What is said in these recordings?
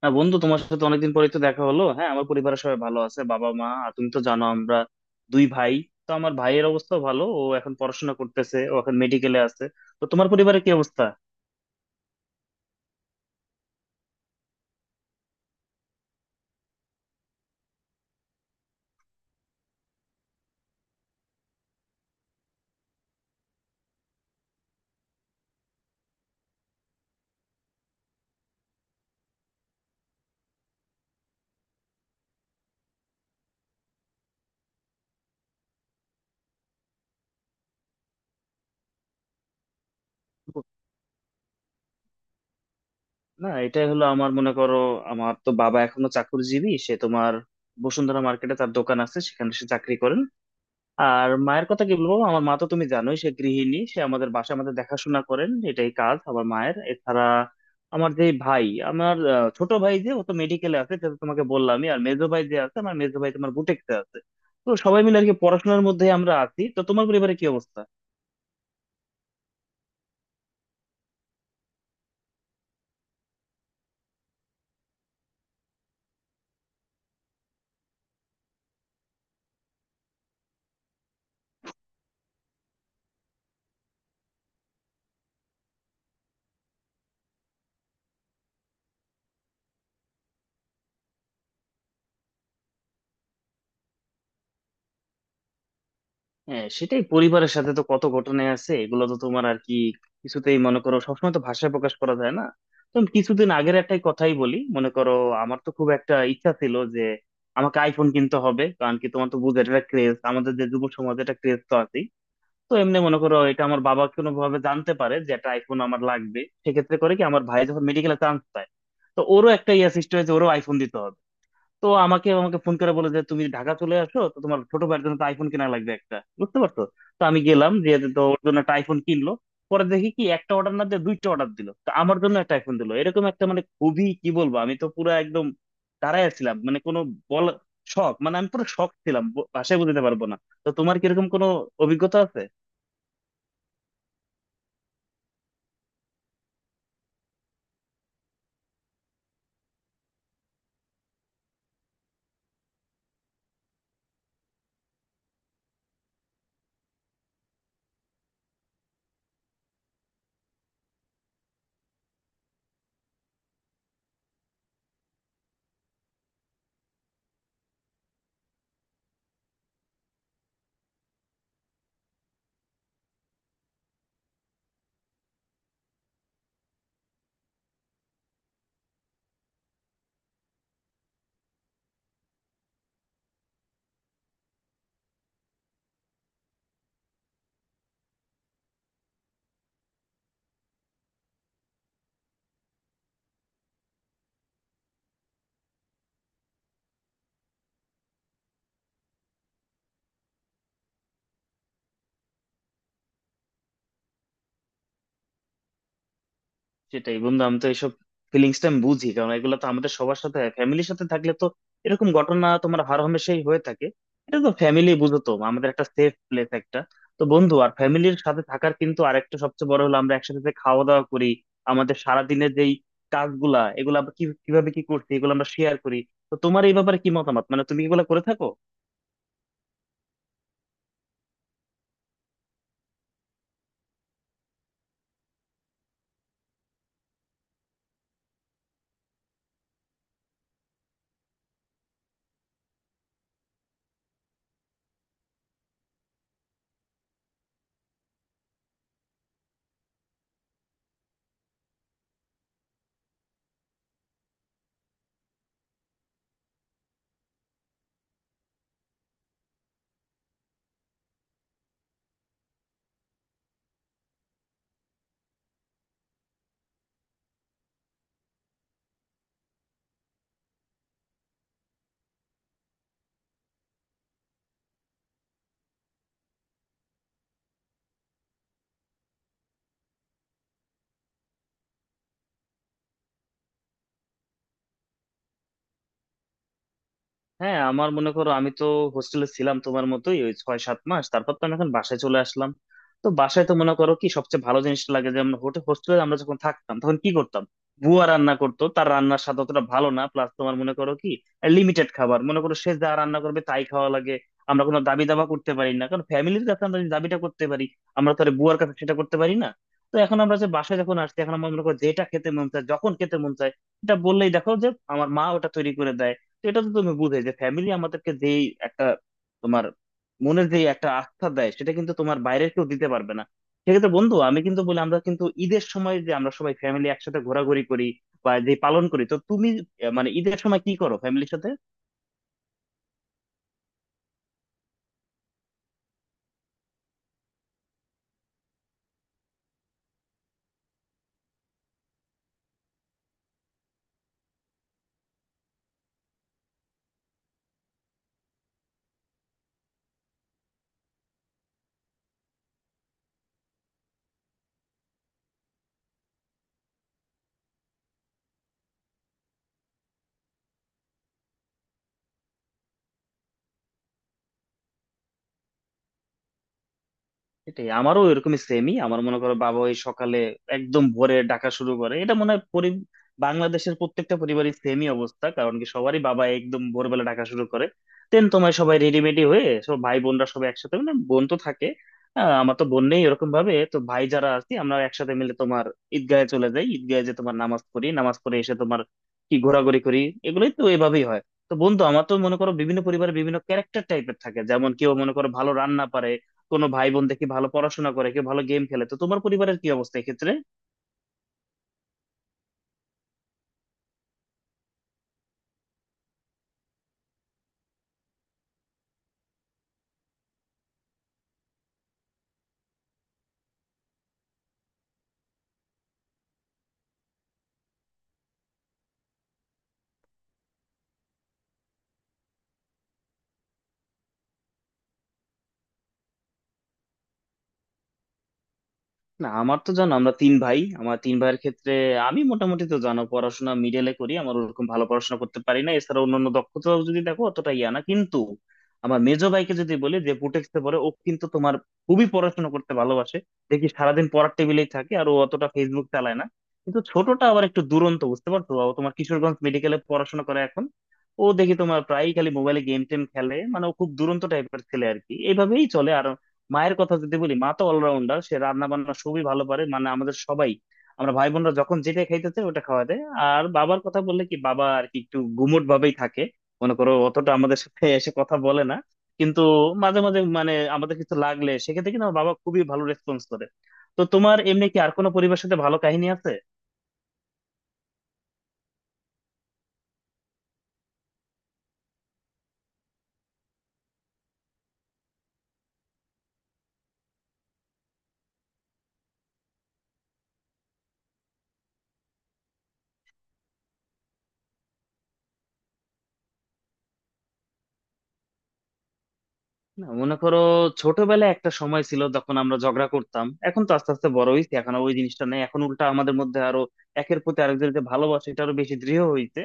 হ্যাঁ বন্ধু, তোমার সাথে অনেকদিন পরেই তো দেখা হলো। হ্যাঁ, আমার পরিবারের সবাই ভালো আছে। বাবা, মা, আর তুমি তো জানো আমরা দুই ভাই। তো আমার ভাইয়ের অবস্থা ভালো, ও এখন পড়াশোনা করতেছে, ও এখন মেডিকেলে আছে। তো তোমার পরিবারে কি অবস্থা? না, এটাই হলো আমার, মনে করো, আমার তো বাবা এখনো চাকরিজীবী, সে তোমার বসুন্ধরা মার্কেটে তার দোকান আছে, সেখানে সে চাকরি করেন। আর মায়ের কথা কি বলবো, আমার মা তো তুমি জানোই সে গৃহিণী, সে আমাদের বাসায় আমাদের দেখাশোনা করেন, এটাই কাজ আমার মায়ের। এছাড়া আমার যে ভাই, আমার ছোট ভাই যে, ও তো মেডিকেলে আছে সেটা তো তোমাকে বললামই। আর মেজো ভাই যে আছে, আমার মেজো ভাই তোমার বুটেক্সে আছে। তো সবাই মিলে আর কি পড়াশোনার মধ্যে আমরা আছি। তো তোমার পরিবারে কি অবস্থা? হ্যাঁ, সেটাই, পরিবারের সাথে তো কত ঘটনাই আছে, এগুলো তো তোমার আর কি কিছুতেই, মনে করো, সবসময় তো ভাষায় প্রকাশ করা যায় না। তো আমি কিছুদিন আগের একটাই কথাই বলি, মনে করো আমার তো খুব একটা ইচ্ছা ছিল যে আমাকে আইফোন কিনতে হবে। কারণ কি, তোমার তো বুঝে এটা ক্রেজ, আমাদের যে যুব সমাজে এটা ক্রেজ তো আছেই। তো এমনি মনে করো, এটা আমার বাবা কোনো ভাবে জানতে পারে যে একটা আইফোন আমার লাগবে। সেক্ষেত্রে করে কি, আমার ভাই যখন মেডিকেলে চান্স পায়, তো ওরও একটা ইয়া সৃষ্টি হয়েছে, ওরও আইফোন দিতে হবে। তো আমাকে আমাকে ফোন করে বলে যে তুমি ঢাকা চলে আসো, তো তোমার ছোট ভাইয়ের জন্য তো আইফোন কেনা লাগবে একটা, বুঝতে পারছো? তো আমি গেলাম যে, তো ওর জন্য একটা আইফোন কিনলো। পরে দেখি কি, একটা অর্ডার না দিয়ে দুইটা অর্ডার দিল, তো আমার জন্য একটা আইফোন দিল। এরকম একটা, মানে, খুবই কি বলবো, আমি তো পুরো একদম দাঁড়ায় ছিলাম, মানে কোনো বল, শখ মানে, আমি পুরো শখ ছিলাম, ভাষায় বোঝাতে পারবো না। তো তোমার কিরকম কোনো অভিজ্ঞতা আছে? সেটাই বন্ধু, আমি তো এইসব ফিলিংস টা আমি বুঝি। কারণ এগুলো তো আমাদের সবার সাথে, ফ্যামিলির সাথে থাকলে তো এরকম ঘটনা তোমার হরহামেশাই হয়ে থাকে। এটা তো ফ্যামিলি, বুঝো তো, আমাদের একটা সেফ প্লেস একটা। তো বন্ধু, আর ফ্যামিলির সাথে থাকার কিন্তু আরেকটা সবচেয়ে বড় হলো আমরা একসাথে যে খাওয়া দাওয়া করি, আমাদের সারাদিনের যেই কাজগুলা, এগুলো আমরা কিভাবে কি করছি এগুলো আমরা শেয়ার করি। তো তোমার এই ব্যাপারে কি মতামত, মানে তুমি এগুলো করে থাকো? হ্যাঁ, আমার মনে করো, আমি তো হোস্টেলে ছিলাম তোমার মতোই ওই ছয় সাত মাস, তারপর তো আমি এখন বাসায় চলে আসলাম। তো বাসায় তো মনে করো কি সবচেয়ে ভালো জিনিসটা লাগে যে, আমরা হোস্টেলে আমরা যখন থাকতাম তখন কি করতাম, বুয়া রান্না করতো, তার রান্নার স্বাদ অতটা ভালো না। প্লাস তোমার মনে করো কি, লিমিটেড খাবার, মনে করো সে যা রান্না করবে তাই খাওয়া লাগে। আমরা কোনো দাবি দাবা করতে পারি না, কারণ ফ্যামিলির কাছে আমরা যদি দাবিটা করতে পারি, আমরা তো আর বুয়ার কাছে সেটা করতে পারি না। তো এখন আমরা যে বাসায় যখন আসছি, এখন আমরা মনে করো যেটা খেতে মন চায়, যখন খেতে মন চায়, এটা বললেই দেখো যে আমার মা ওটা তৈরি করে দেয়। তো এটা তো তুমি বুঝে যে ফ্যামিলি আমাদেরকে যেই একটা তোমার মনের যে একটা আস্থা দেয়, সেটা কিন্তু তোমার বাইরের কেউ দিতে পারবে না। সেক্ষেত্রে বন্ধু, আমি কিন্তু বলি আমরা কিন্তু ঈদের সময় যে আমরা সবাই ফ্যামিলি একসাথে ঘোরাঘুরি করি বা যে পালন করি। তো তুমি, মানে, ঈদের সময় কি করো ফ্যামিলির সাথে? এটাই, আমারও এরকম সেমই, আমার মনে করো বাবা ওই সকালে একদম ভোরে ডাকা শুরু করে। এটা মনে হয় বাংলাদেশের প্রত্যেকটা পরিবারের সেমই অবস্থা। কারণ কি, সবারই বাবা একদম ভোরবেলা ডাকা শুরু করে দেন। তোমার সবাই রেডিমেডি হয়ে, সব ভাই বোনরা সবাই একসাথে, মানে বোন তো থাকে, আমার তো বোন নেই, এরকম ভাবে তো ভাই যারা আছি আমরা একসাথে মিলে তোমার ঈদগাহে চলে যাই, ঈদগাহে যে তোমার নামাজ পড়ি, নামাজ পড়ে এসে তোমার কি ঘোরাঘুরি করি, এগুলোই তো এভাবেই হয়। তো বন্ধু, আমার তো মনে করো বিভিন্ন পরিবারে বিভিন্ন ক্যারেক্টার টাইপের থাকে। যেমন কেউ মনে করো ভালো রান্না পারে, কোনো ভাই বোন দেখি ভালো পড়াশোনা করে, কেউ ভালো গেম খেলে। তো তোমার পরিবারের কি অবস্থা এক্ষেত্রে? না, আমার তো জানো আমরা তিন ভাই। আমার তিন ভাইয়ের ক্ষেত্রে আমি মোটামুটি তো জানো পড়াশোনা মিডলে করি, আমার ওরকম ভালো পড়াশোনা করতে পারি না। এছাড়া অন্যান্য দক্ষতা যদি দেখো অতটা ইয়া না কিন্তু। আমার মেজো ভাইকে যদি বলি, যে পুটেক্সে পড়ে ও, কিন্তু তোমার খুবই পড়াশোনা করতে ভালোবাসে। দেখি সারাদিন পড়ার টেবিলেই থাকে, আর ও অতটা ফেসবুক চালায় না। কিন্তু ছোটটা আবার একটু দুরন্ত, বুঝতে পারছো, ও তোমার কিশোরগঞ্জ মেডিকেলে পড়াশোনা করে এখন। ও দেখি তোমার প্রায়ই খালি মোবাইলে গেম টেম খেলে, মানে ও খুব দুরন্ত টাইপের ছেলে আর কি, এইভাবেই চলে। আর মায়ের কথা যদি বলি, মা তো অলরাউন্ডার, সে রান্না বান্না খুবই ভালো পারে। মানে আমাদের সবাই, আমরা ভাই বোনরা যখন যেটা খাইতে চাই, ওটা খাওয়া দেয়। আর বাবার কথা বললে কি, বাবা আর কি একটু গুমোট ভাবেই থাকে, মনে করো অতটা আমাদের সাথে এসে কথা বলে না। কিন্তু মাঝে মাঝে, মানে আমাদের কিছু লাগলে, সেক্ষেত্রে কিন্তু আমার বাবা খুবই ভালো রেসপন্স করে। তো তোমার এমনি কি আর কোনো পরিবারের সাথে ভালো কাহিনী আছে? না, মনে করো ছোটবেলায় একটা সময় ছিল যখন আমরা ঝগড়া করতাম, এখন তো আস্তে আস্তে বড় হয়েছি, এখন আর ওই জিনিসটা নেই। এখন উল্টা আমাদের মধ্যে আরো একের প্রতি আরেকজনের যে ভালোবাসা এটা আরো বেশি দৃঢ় হইছে।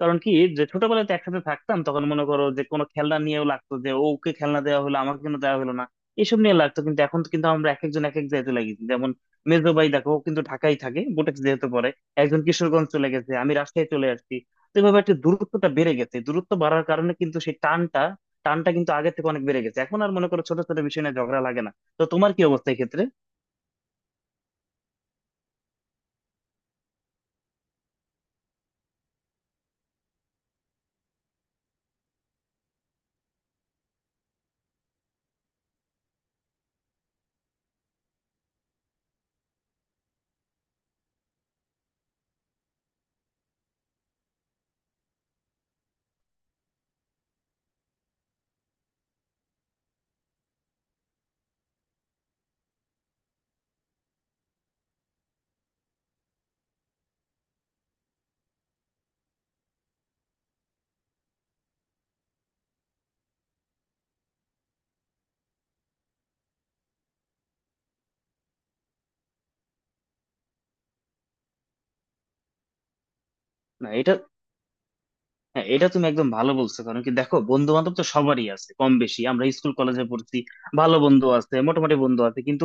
কারণ কি, যে ছোটবেলায় তো একসাথে থাকতাম, তখন মনে করো যে কোনো খেলনা নিয়েও লাগতো, যে ও ওকে খেলনা দেওয়া হলো আমাকে কেন দেওয়া হলো না, এসব নিয়ে লাগতো। কিন্তু এখন তো কিন্তু আমরা এক একজন এক এক জায়গাতে লাগি। যেমন মেজো ভাই দেখো ও কিন্তু ঢাকায় থাকে, বুটেক্স যেহেতু পরে, একজন কিশোরগঞ্জ চলে গেছে, আমি রাজশাহী চলে আসছি। তো এভাবে একটা দূরত্বটা বেড়ে গেছে, দূরত্ব বাড়ার কারণে কিন্তু সেই টানটা টানটা কিন্তু আগের থেকে অনেক বেড়ে গেছে, এখন আর মনে করো ছোট ছোট বিষয় নিয়ে ঝগড়া লাগে না। তো তোমার কি অবস্থা এই ক্ষেত্রে? না এটা হ্যাঁ, এটা তুমি একদম ভালো বলছো। কারণ কি, দেখো বন্ধু বান্ধব তো সবারই আছে কম বেশি, আমরা স্কুল কলেজে পড়ছি, ভালো বন্ধু আছে, মোটামুটি বন্ধু আছে। কিন্তু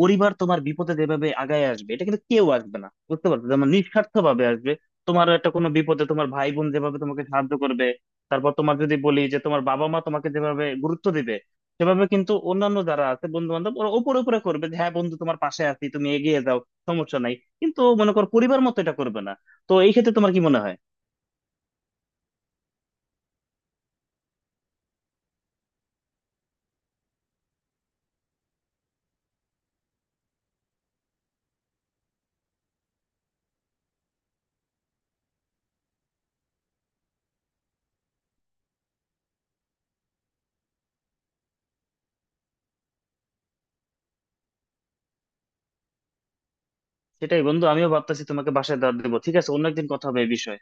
পরিবার তোমার বিপদে যেভাবে আগায় আসবে এটা কিন্তু কেউ আসবে না, বুঝতে পারছো, যেমন নিঃস্বার্থ ভাবে আসবে। তোমার একটা কোনো বিপদে তোমার ভাই বোন যেভাবে তোমাকে সাহায্য করবে, তারপর তোমার যদি বলি যে তোমার বাবা মা তোমাকে যেভাবে গুরুত্ব দিবে, সেভাবে কিন্তু অন্যান্য যারা আছে বন্ধু বান্ধব, ওরা উপরে উপরে করবে যে হ্যাঁ বন্ধু তোমার পাশে আছি, তুমি এগিয়ে যাও, সমস্যা নাই। কিন্তু মনে করো পরিবার মতো এটা করবে না। তো এই ক্ষেত্রে তোমার কি মনে হয়? সেটাই বন্ধু, আমিও ভাবতেছি তোমাকে বাসায় দাওয়াত দেবো। ঠিক আছে, অন্য একদিন কথা হবে এই বিষয়ে।